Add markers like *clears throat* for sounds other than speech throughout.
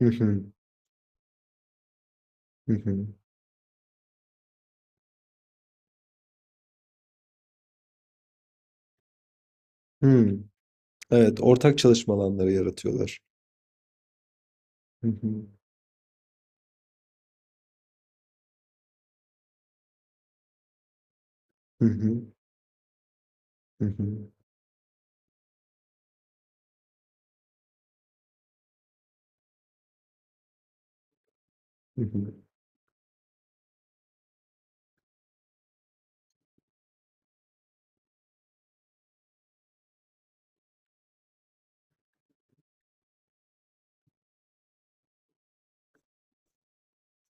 Hı hı. Hı hı. Hı. Evet, ortak çalışma alanları yaratıyorlar. Hı hı. Hı hı. Hı hı. Hı hı.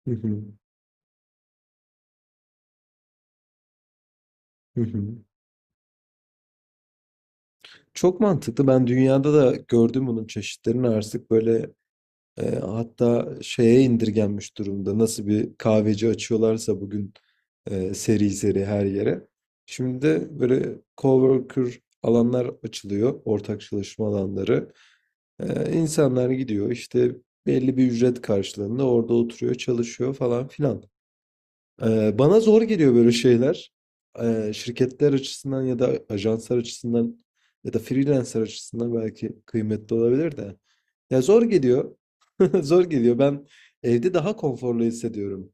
Hı hı. Hı hı. Çok mantıklı. Ben dünyada da gördüm bunun çeşitlerini artık böyle hatta şeye indirgenmiş durumda. Nasıl bir kahveci açıyorlarsa bugün seri seri her yere. Şimdi de böyle coworker alanlar açılıyor, ortak çalışma alanları. İnsanlar gidiyor işte belli bir ücret karşılığında orada oturuyor, çalışıyor falan filan. Bana zor geliyor böyle şeyler. Şirketler açısından ya da ajanslar açısından ya da freelancer açısından belki kıymetli olabilir de. Ya zor geliyor. *laughs* Zor geliyor. Ben evde daha konforlu hissediyorum.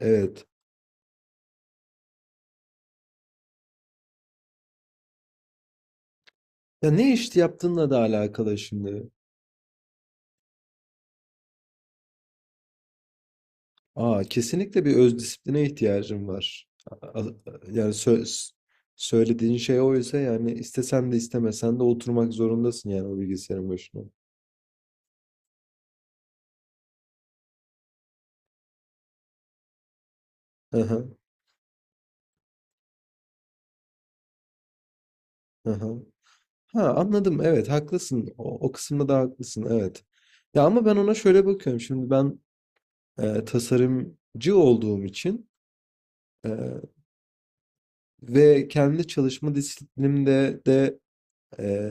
Evet. Ya ne iş yaptığınla da alakalı şimdi. Aa, kesinlikle bir öz disipline ihtiyacım var. Yani söylediğin şey oysa yani istesen de istemesen de oturmak zorundasın yani o bilgisayarın başına. Hı hı. Ha anladım, evet haklısın, o kısımda da haklısın, evet. Ya ama ben ona şöyle bakıyorum şimdi, ben tasarımcı olduğum için e, ve kendi çalışma disiplinimde de Ee,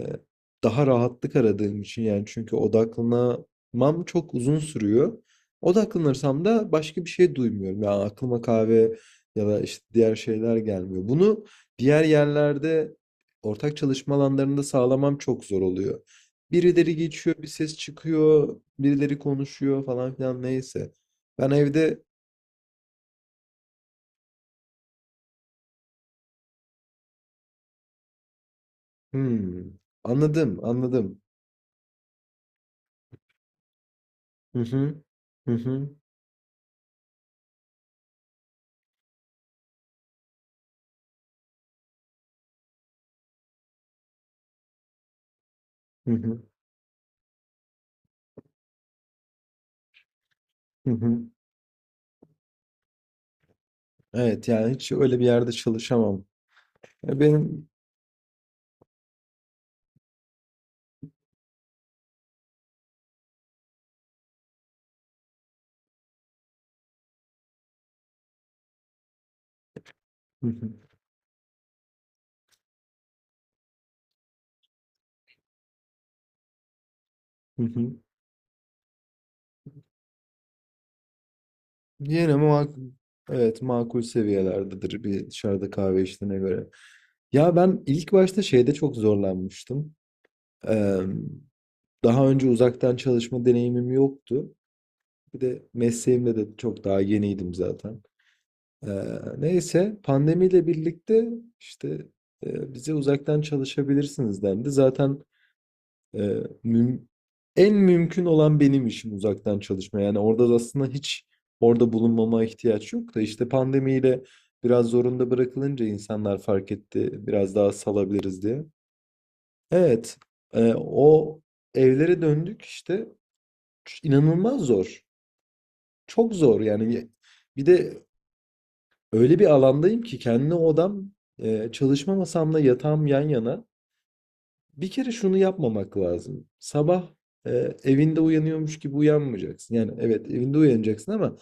daha rahatlık aradığım için, yani çünkü odaklanamam çok uzun sürüyor. Odaklanırsam da başka bir şey duymuyorum. Yani aklıma kahve ya da işte diğer şeyler gelmiyor. Bunu diğer yerlerde, ortak çalışma alanlarında sağlamam çok zor oluyor. Birileri geçiyor, bir ses çıkıyor, birileri konuşuyor falan filan, neyse. Ben evde. Hmm, anladım, anladım. Hı hı, hı hı, hı hı, hı hı. Hı hı. Evet yani hiç öyle bir yerde çalışamam. Ya benim. Hı hı, hı hı. Yine makul, evet makul seviyelerdedir bir dışarıda kahve içtiğine göre. Ya ben ilk başta şeyde çok zorlanmıştım. Eee, Daha önce uzaktan çalışma deneyimim yoktu. Bir de mesleğimde de çok daha yeniydim zaten. Neyse pandemiyle birlikte işte bize uzaktan çalışabilirsiniz dendi. Zaten Ee, müm- en mümkün olan benim işim uzaktan çalışma. Yani orada da aslında hiç orada bulunmama ihtiyaç yok da işte pandemiyle biraz zorunda bırakılınca insanlar fark etti. Biraz daha salabiliriz diye. Evet, o evlere döndük işte. İnanılmaz zor. Çok zor yani. Bir de öyle bir alandayım ki kendi odam, çalışma masamla yatağım yan yana. Bir kere şunu yapmamak lazım. Sabah e, evinde uyanıyormuş gibi uyanmayacaksın. Yani evet evinde uyanacaksın ama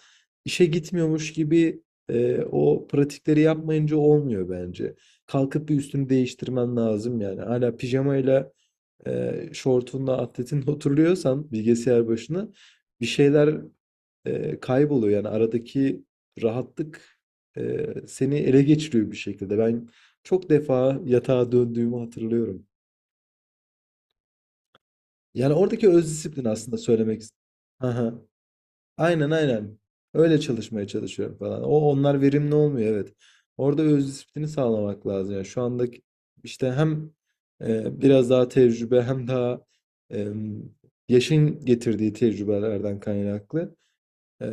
işe gitmiyormuş gibi, o pratikleri yapmayınca olmuyor bence. Kalkıp bir üstünü değiştirmen lazım yani. Hala pijamayla, şortunla, atletinle *laughs* oturuyorsan bilgisayar başına, bir şeyler kayboluyor. Yani aradaki rahatlık seni ele geçiriyor bir şekilde. Ben çok defa yatağa döndüğümü hatırlıyorum. Yani oradaki öz disiplin aslında söylemek Aha. Aynen aynen. Öyle çalışmaya çalışıyorum falan. Onlar verimli olmuyor, evet. Orada öz disiplini sağlamak lazım. Yani şu andaki işte hem biraz daha tecrübe, hem daha e, yaşın getirdiği tecrübelerden kaynaklı. E,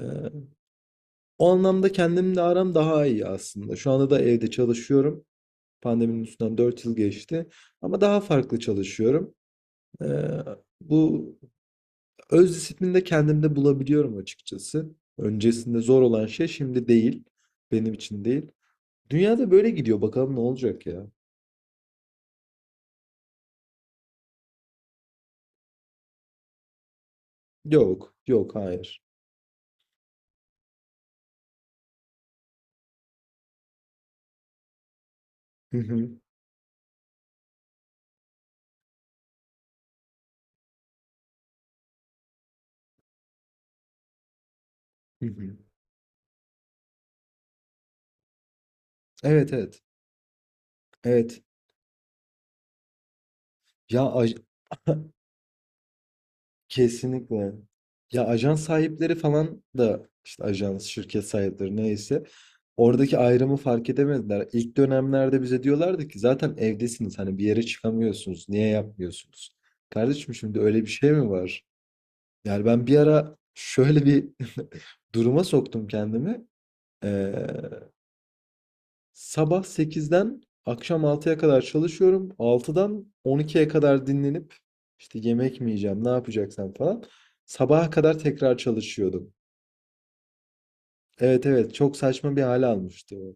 O anlamda kendimle aram daha iyi aslında. Şu anda da evde çalışıyorum. Pandeminin üstünden 4 yıl geçti. Ama daha farklı çalışıyorum. E, bu Öz disiplinde kendimde bulabiliyorum açıkçası. Öncesinde zor olan şey şimdi değil. Benim için değil. Dünyada böyle gidiyor. Bakalım ne olacak ya. Yok. Yok. Hayır. Hı hı, hı hı. Evet evet. Evet. Ya aj- *laughs* kesinlikle. Ya ajan sahipleri falan da, işte ajans, şirket sahipleri neyse, oradaki ayrımı fark edemediler. İlk dönemlerde bize diyorlardı ki zaten evdesiniz, hani bir yere çıkamıyorsunuz. Niye yapmıyorsunuz? Kardeşim, şimdi öyle bir şey mi var? Yani ben bir ara şöyle bir *laughs* duruma soktum kendimi. Ee, Sabah 8'den akşam 6'ya kadar çalışıyorum. 6'dan 12'ye kadar dinlenip, işte yemek mi yiyeceğim, ne yapacaksam falan. Sabaha kadar tekrar çalışıyordum. Evet evet, çok saçma bir hale almıştı o.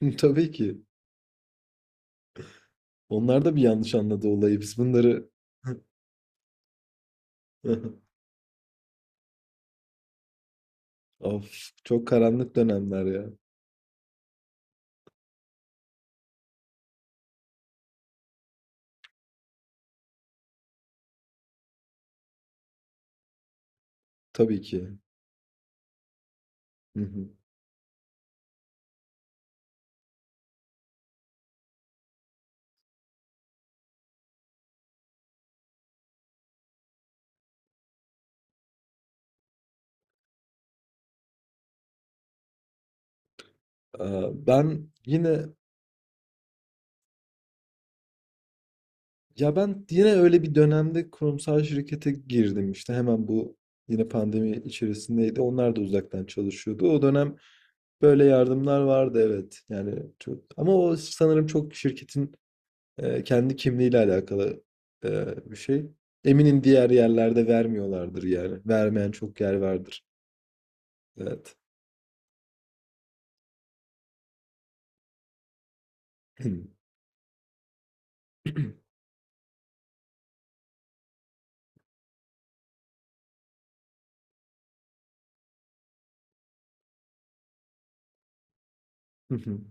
*laughs* Tabii ki. Onlar da bir yanlış anladı olayı. Biz bunları... *laughs* Of, çok karanlık dönemler ya. Tabii ki. Hı hı. Ben yine Ya ben yine öyle bir dönemde kurumsal şirkete girdim, işte hemen bu, yine pandemi içerisindeydi. Onlar da uzaktan çalışıyordu. O dönem böyle yardımlar vardı, evet. Yani çok, ama o sanırım çok şirketin kendi kimliğiyle alakalı e, bir şey. Eminim diğer yerlerde vermiyorlardır yani. Vermeyen çok yer vardır. Evet. *clears throat*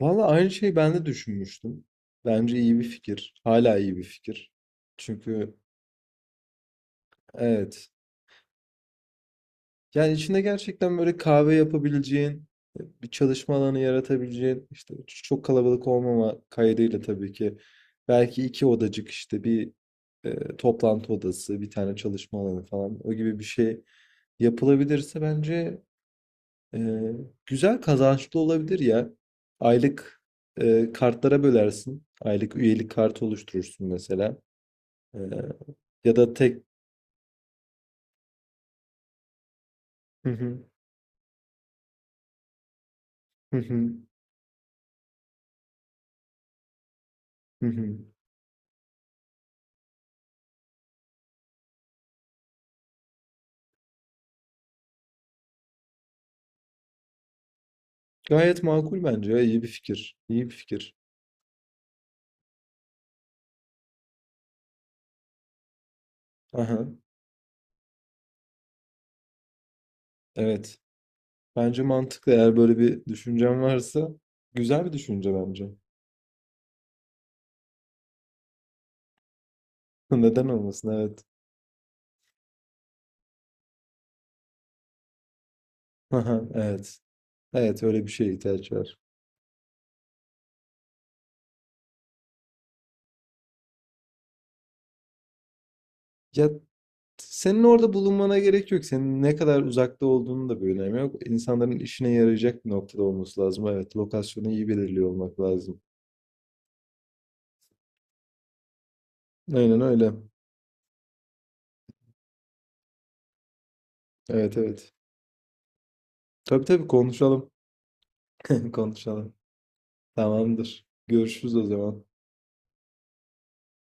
Valla aynı şeyi ben de düşünmüştüm. Bence iyi bir fikir. Hala iyi bir fikir. Çünkü Evet. Yani içinde gerçekten böyle kahve yapabileceğin, bir çalışma alanı yaratabileceğin, işte çok kalabalık olmama kaydıyla tabii ki. Belki iki odacık, işte bir toplantı odası, bir tane çalışma alanı falan, o gibi bir şey yapılabilirse bence e, güzel kazançlı olabilir ya. Aylık kartlara bölersin. Aylık üyelik kartı oluşturursun mesela. E, Ya da tek... Hı hı, hı hı, hı hı. Gayet makul bence ya. İyi bir fikir. İyi bir fikir. Aha, evet. Bence mantıklı, eğer böyle bir düşüncen varsa. Güzel bir düşünce bence. *laughs* Neden olmasın? Evet. Aha, evet. Evet, öyle bir şeye ihtiyaç var. Ya senin orada bulunmana gerek yok. Senin ne kadar uzakta olduğunun da bir önemi yok. İnsanların işine yarayacak bir noktada olması lazım. Evet, lokasyonu iyi belirliyor olmak lazım. Aynen öyle. Evet evet. Tabii tabii, konuşalım. *laughs* Konuşalım. Tamamdır. Görüşürüz o zaman.